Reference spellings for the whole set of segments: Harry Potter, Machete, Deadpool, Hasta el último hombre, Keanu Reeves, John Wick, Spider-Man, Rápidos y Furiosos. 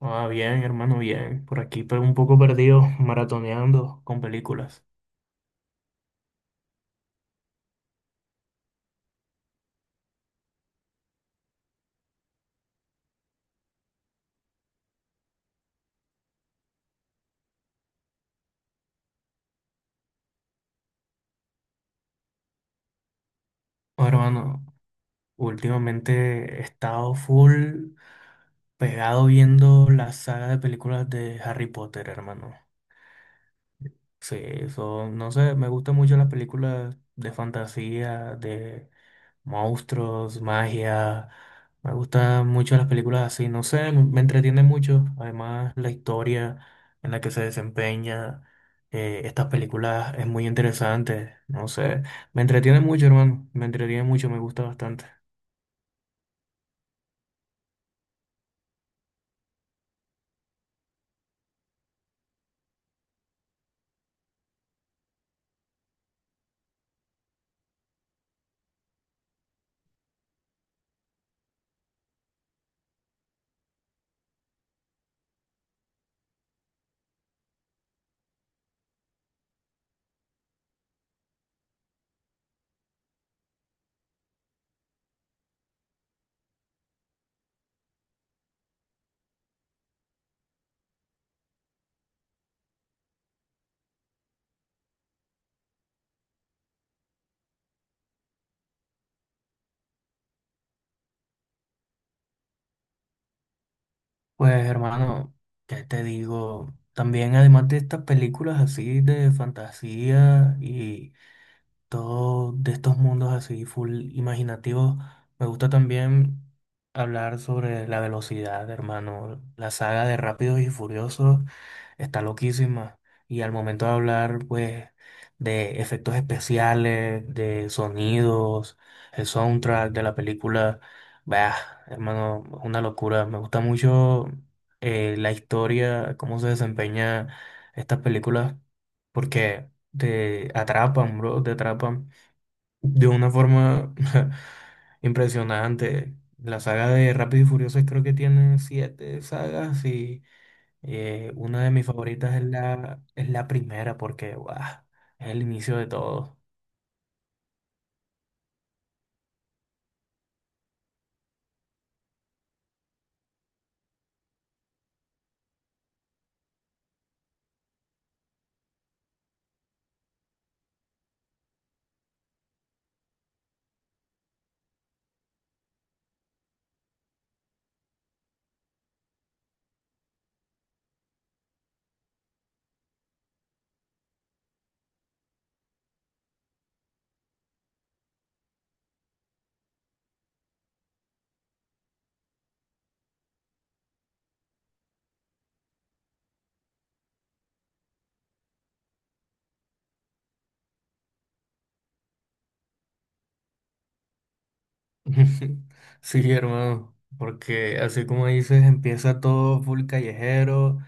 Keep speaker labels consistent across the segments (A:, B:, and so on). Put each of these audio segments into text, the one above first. A: Bien, hermano, bien. Por aquí pero un poco perdido, maratoneando con películas. Oh, hermano, últimamente he estado full pegado viendo la saga de películas de Harry Potter, hermano. Sí, eso, no sé, me gustan mucho las películas de fantasía, de monstruos, magia. Me gustan mucho las películas así, no sé, me entretiene mucho. Además, la historia en la que se desempeña estas películas es muy interesante. No sé, me entretiene mucho, hermano. Me entretiene mucho, me gusta bastante. Pues, hermano, ¿qué te digo? También, además de estas películas así de fantasía y todo de estos mundos así full imaginativos. Me gusta también hablar sobre la velocidad, hermano. La saga de Rápidos y Furiosos está loquísima. Y al momento de hablar, pues, de efectos especiales, de sonidos, el soundtrack de la película, bah, hermano, es una locura. Me gusta mucho la historia, cómo se desempeña estas películas, porque te atrapan, bro, te atrapan de una forma impresionante. La saga de Rápido y Furioso creo que tiene siete sagas y una de mis favoritas es la primera porque, guau, es el inicio de todo. Sí, hermano, porque así como dices, empieza todo full callejero,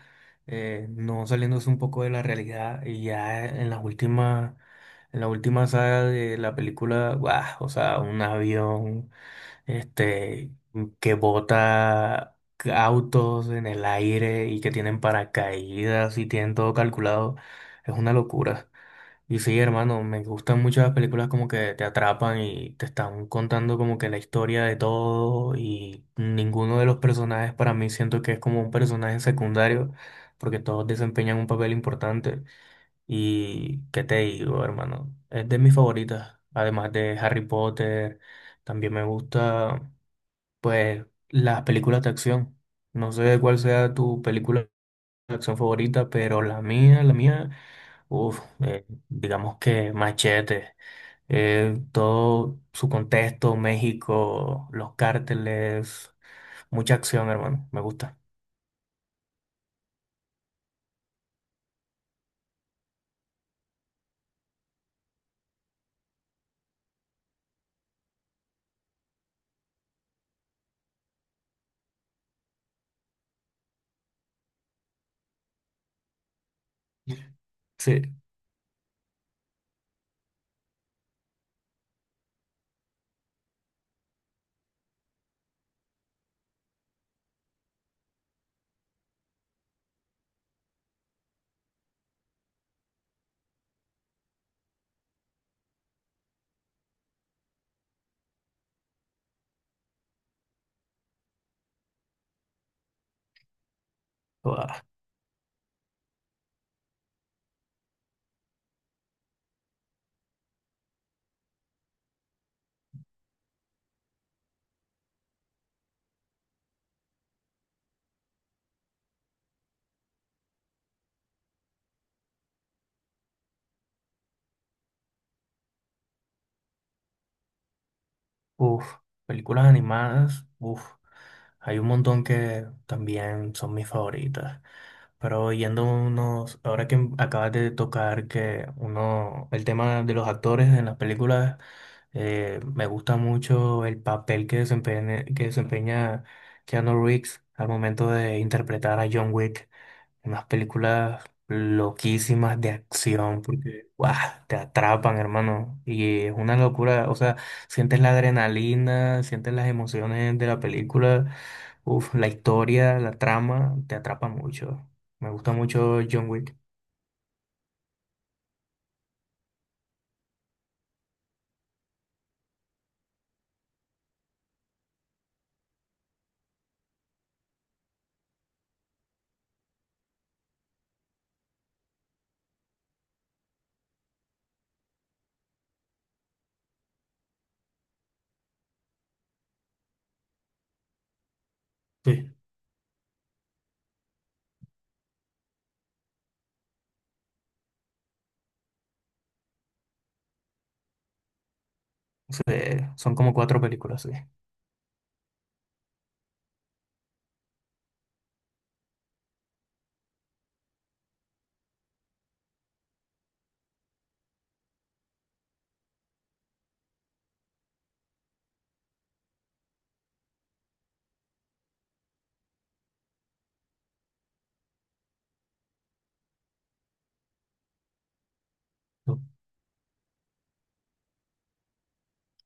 A: no saliéndose un poco de la realidad y ya en las últimas, en la última saga de la película, guau, o sea, un avión, este, que bota autos en el aire y que tienen paracaídas y tienen todo calculado, es una locura. Y sí, hermano, me gustan mucho las películas como que te atrapan y te están contando como que la historia de todo y ninguno de los personajes para mí siento que es como un personaje secundario porque todos desempeñan un papel importante y qué te digo, hermano, es de mis favoritas, además de Harry Potter, también me gusta pues las películas de acción. No sé cuál sea tu película de acción favorita, pero la mía. Digamos que Machete, todo su contexto, México, los cárteles, mucha acción, hermano, me gusta. Sí. Guau. Uf, películas animadas, uf, hay un montón que también son mis favoritas. Pero yendo unos, ahora que acabas de tocar que uno, el tema de los actores en las películas, me gusta mucho el papel que desempeña Keanu Reeves al momento de interpretar a John Wick. Unas películas loquísimas de acción, porque ¡guau! Te atrapan, hermano. Y es una locura, o sea, sientes la adrenalina, sientes las emociones de la película, uf, la historia, la trama, te atrapa mucho. Me gusta mucho John Wick. Sí. Sí, son como cuatro películas, sí.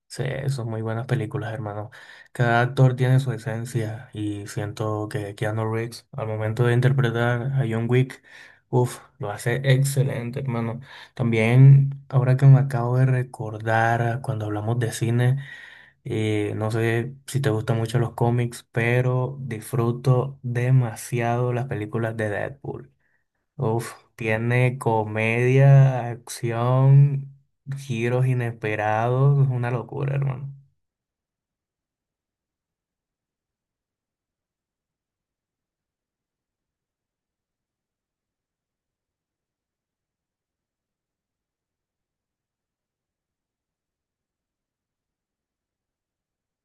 A: Sí, son muy buenas películas, hermano. Cada actor tiene su esencia y siento que Keanu Reeves, al momento de interpretar a John Wick, uff, lo hace excelente, hermano. También, ahora que me acabo de recordar cuando hablamos de cine, no sé si te gustan mucho los cómics, pero disfruto demasiado las películas de Deadpool. Uf, tiene comedia, acción, giros inesperados, es una locura, hermano.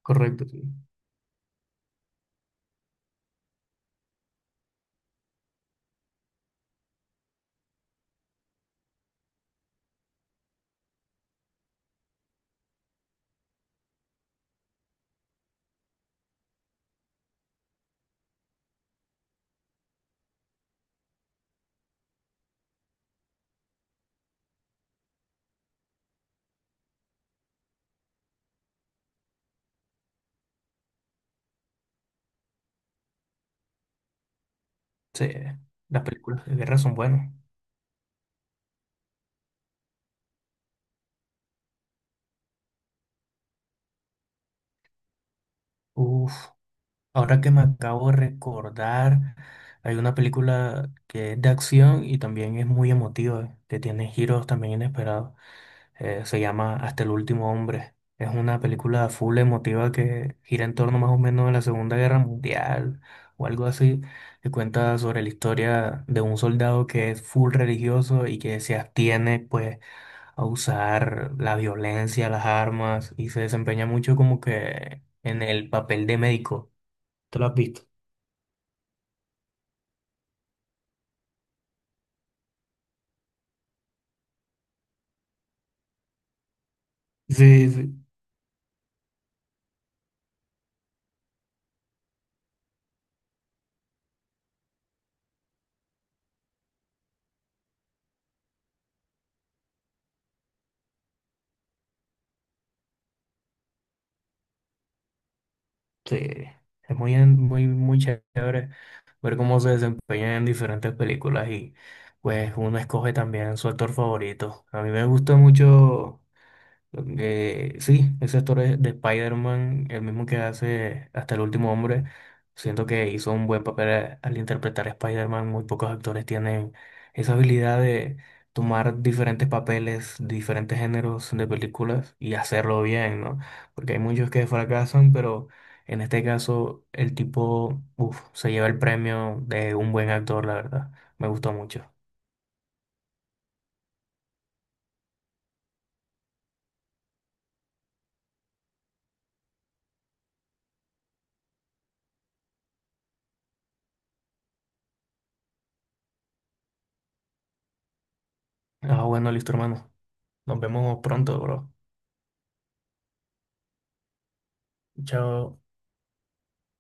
A: Correcto, sí. Sí, las películas de guerra son buenas. Uf, ahora que me acabo de recordar, hay una película que es de acción y también es muy emotiva, que tiene giros también inesperados. Se llama Hasta el último hombre. Es una película full emotiva que gira en torno más o menos a la Segunda Guerra Mundial o algo así, que cuenta sobre la historia de un soldado que es full religioso y que se abstiene, pues a usar la violencia, las armas y se desempeña mucho como que en el papel de médico. ¿Te lo has visto? Sí, sí, sí. Es muy chévere ver cómo se desempeña en diferentes películas y pues uno escoge también su actor favorito. A mí me gusta mucho. Sí, ese actor es de Spider-Man, el mismo que hace Hasta el último hombre, siento que hizo un buen papel al interpretar a Spider-Man. Muy pocos actores tienen esa habilidad de tomar diferentes papeles, diferentes géneros de películas y hacerlo bien, ¿no? Porque hay muchos que fracasan, pero en este caso el tipo, uf, se lleva el premio de un buen actor, la verdad. Me gustó mucho. Ah, bueno, listo, hermano. Nos vemos pronto, bro. Chao.